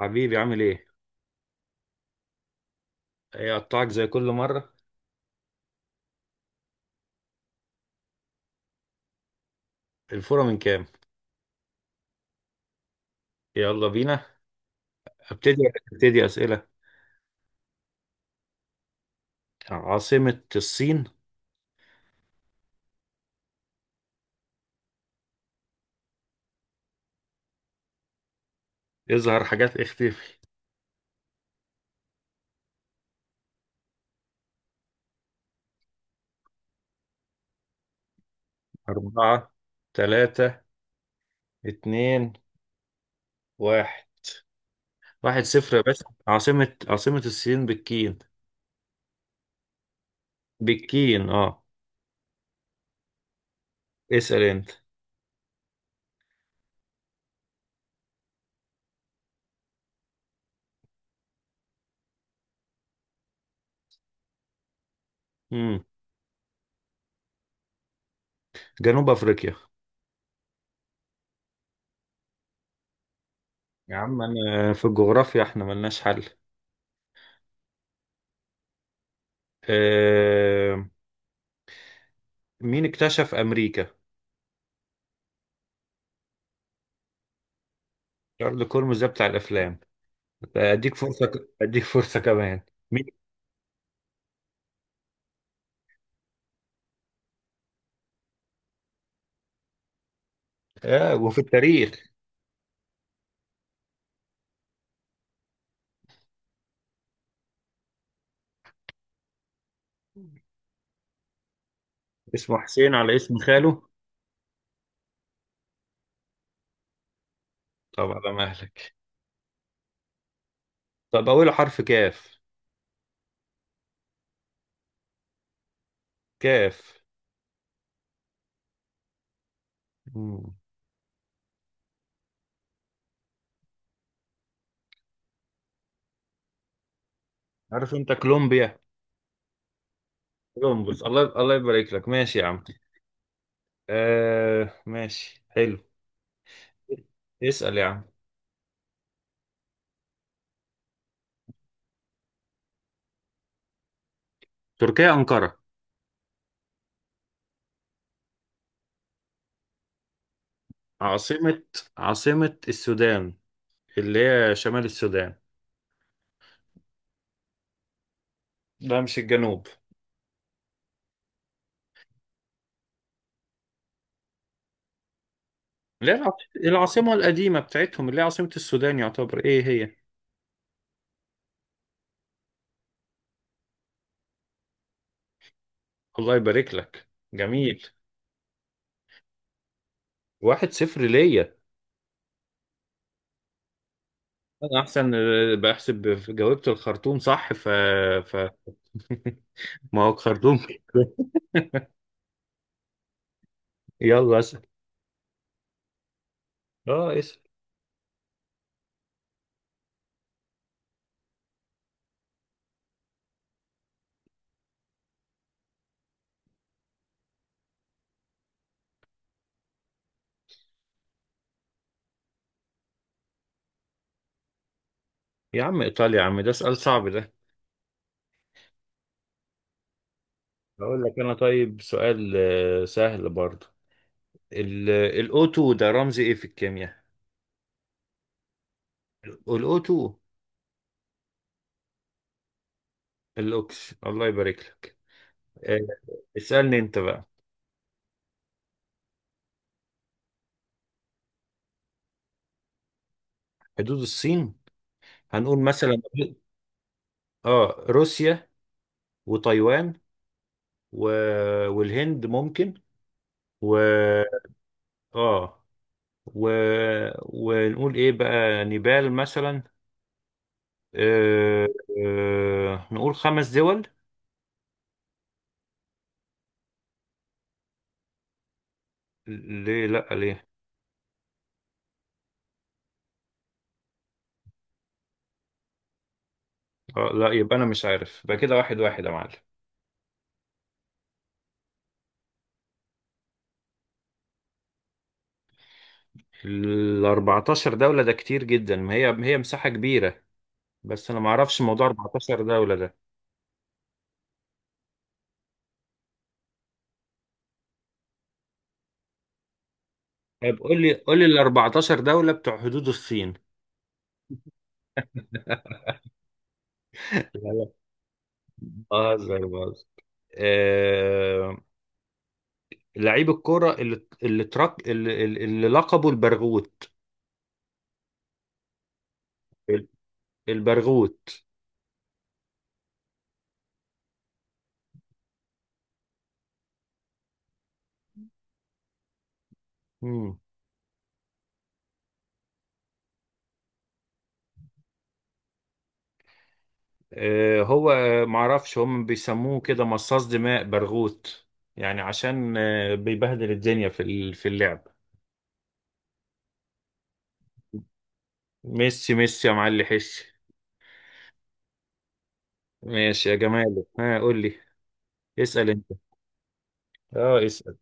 حبيبي عامل ايه؟ ايه قطعك زي كل مرة. الفورة من كام؟ يلا بينا. ابتدي. ابتدي أسئلة. عاصمة الصين. اظهر حاجات اختفي. أربعة، تلاتة، اتنين، واحد. 1-0 يا باشا. عاصمة الصين بالكين. بالكين، اه. اسأل انت. مم. جنوب أفريقيا. يا عم انا في الجغرافيا احنا ملناش حل. آه... مين اكتشف أمريكا؟ شارل كولمز ده بتاع الأفلام. اديك فرصه كمان. مين؟ وفي التاريخ. اسمه حسين على اسم خاله. طب على مهلك. طب اوله حرف كاف. كاف. مم. عارف انت كولومبيا. كولومبوس، الله الله يبارك لك، ماشي يا عم. آه ماشي حلو. اسأل يا عم. تركيا أنقرة. عاصمة. عاصمة السودان، اللي هي شمال السودان. لا مش الجنوب. لا، العاصمة القديمة بتاعتهم اللي هي عاصمة السودان، يعتبر ايه هي؟ الله يبارك لك. جميل. 1-0 ليا. انا احسن، بحسب. جاوبت الخرطوم صح، ف ف ما هو خرطوم كده. يلا اسال. اه اسال يا عم ايطاليا يا عم، ده سؤال صعب ده. اقول لك انا طيب سؤال سهل برضه. الاو 2 ده رمز ايه في الكيمياء؟ الاو 2. الاوكس، الله يبارك لك. آه، اسالني انت بقى. حدود الصين، هنقول مثلا اه روسيا وتايوان و... والهند ممكن و اه و... ونقول ايه بقى، نيبال مثلا. آه... نقول خمس دول. ليه لا ليه؟ لا يبقى انا مش عارف. يبقى كده 1-1 يا معلم. ال 14 دولة ده كتير جدا، ما هي مساحة كبيرة، بس انا ما اعرفش موضوع 14 دولة ده. طيب قول لي قول لي ال 14 دولة بتوع حدود الصين. لا لا بهزر بهزر. آه... لعيب الكرة اللي لقبه البرغوت. البرغوث. مم. هو معرفش، هم بيسموه كده مصاص دماء برغوث، يعني عشان بيبهدل الدنيا في اللعب. ميسي. ميسي يا معلي حش. ماشي يا جمال، ها قول لي. اسأل انت. اه اسأل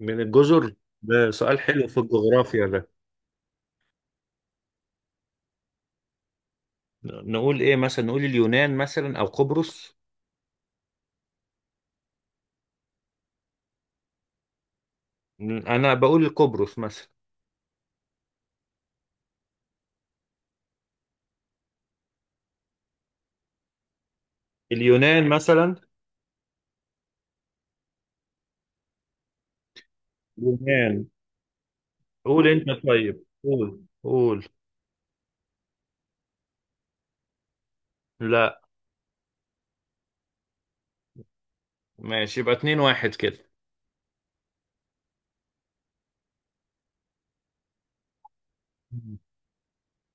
من الجزر. ده سؤال حلو في الجغرافيا ده. نقول ايه مثلا؟ نقول اليونان مثلا او قبرص. انا بقول قبرص مثلا. اليونان مثلا. اليونان. قول انت طيب، قول قول. لا. ماشي يبقى 2-1 كده.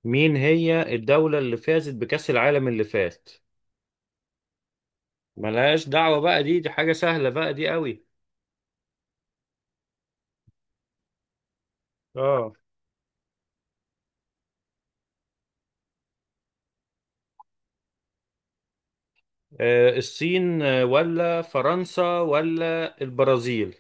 مين هي الدولة اللي فازت بكأس العالم اللي فات؟ ملهاش دعوة بقى، دي حاجة سهلة بقى، دي قوي. اه. الصين ولا فرنسا ولا البرازيل؟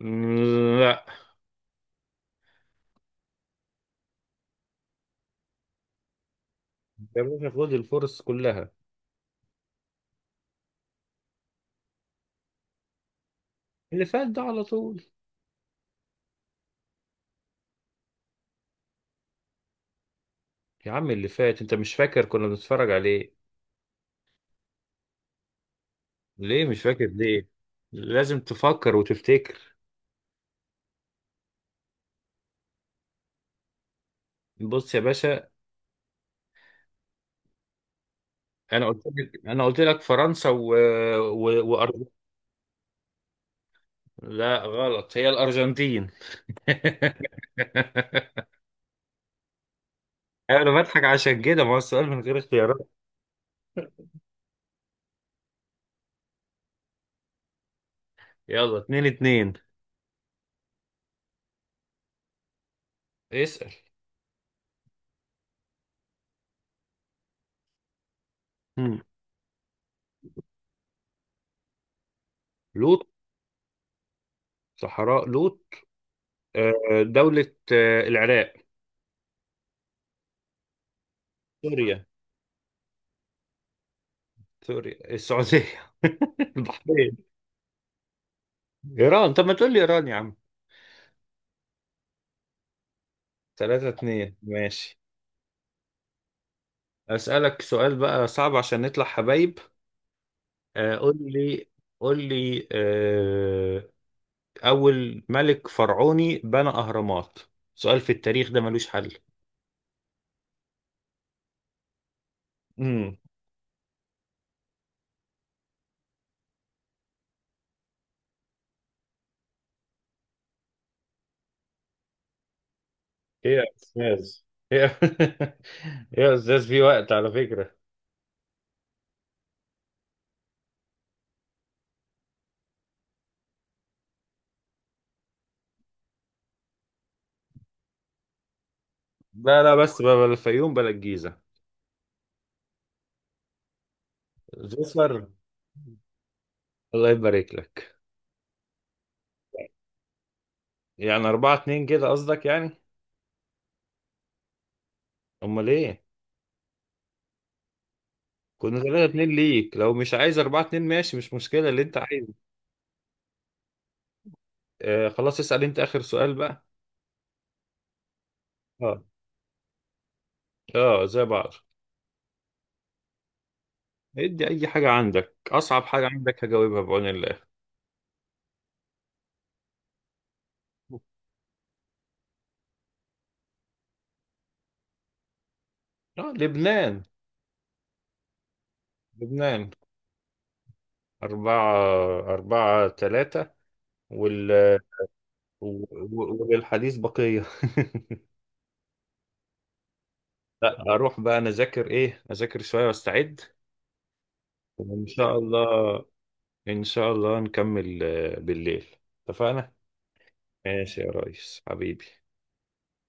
مم، لا. يا باشا خد الفرص كلها. اللي فات ده على طول. يا عم اللي فات انت مش فاكر، كنا بنتفرج عليه. ليه مش فاكر ليه؟ لازم تفكر وتفتكر. بص يا باشا، انا قلت لك فرنسا و... لا غلط، هي الأرجنتين. أنا بضحك عشان كده، ما هو السؤال من غير اختيارات. يلا 2-2. اسأل. مم. لوط. صحراء لوط. دولة العراق. سوريا. سوريا السعودية. البحرين. إيران. طب ما تقول لي إيران يا عم. 3-2، ماشي. أسألك سؤال بقى صعب عشان نطلع حبايب. قول لي. قول لي أول ملك فرعوني بنى أهرامات. سؤال في التاريخ ده ملوش حل. امم. ايه يا استاذ؟ ايه ايه يا استاذ، في وقت على فكرة. لا لا بس بقى، بلا الفيوم بلا الجيزة. زفر. الله يبارك لك. يعني أربعة اتنين كده قصدك يعني؟ أمال إيه؟ كنا 3-2 ليك، لو مش عايز 4-2 ماشي، مش مشكلة، اللي أنت عايزه. آه خلاص، اسأل أنت آخر سؤال بقى. اه. اه زي بعض. ادي أي حاجة عندك، أصعب حاجة عندك هجاوبها بعون الله. آه لبنان. لبنان. أربعة. 4-3. وال... وللحديث بقية. لا أروح بقى أنا أذاكر شوية وأستعد. وإن شاء الله إن شاء الله نكمل بالليل. اتفقنا؟ ماشي يا ريس حبيبي.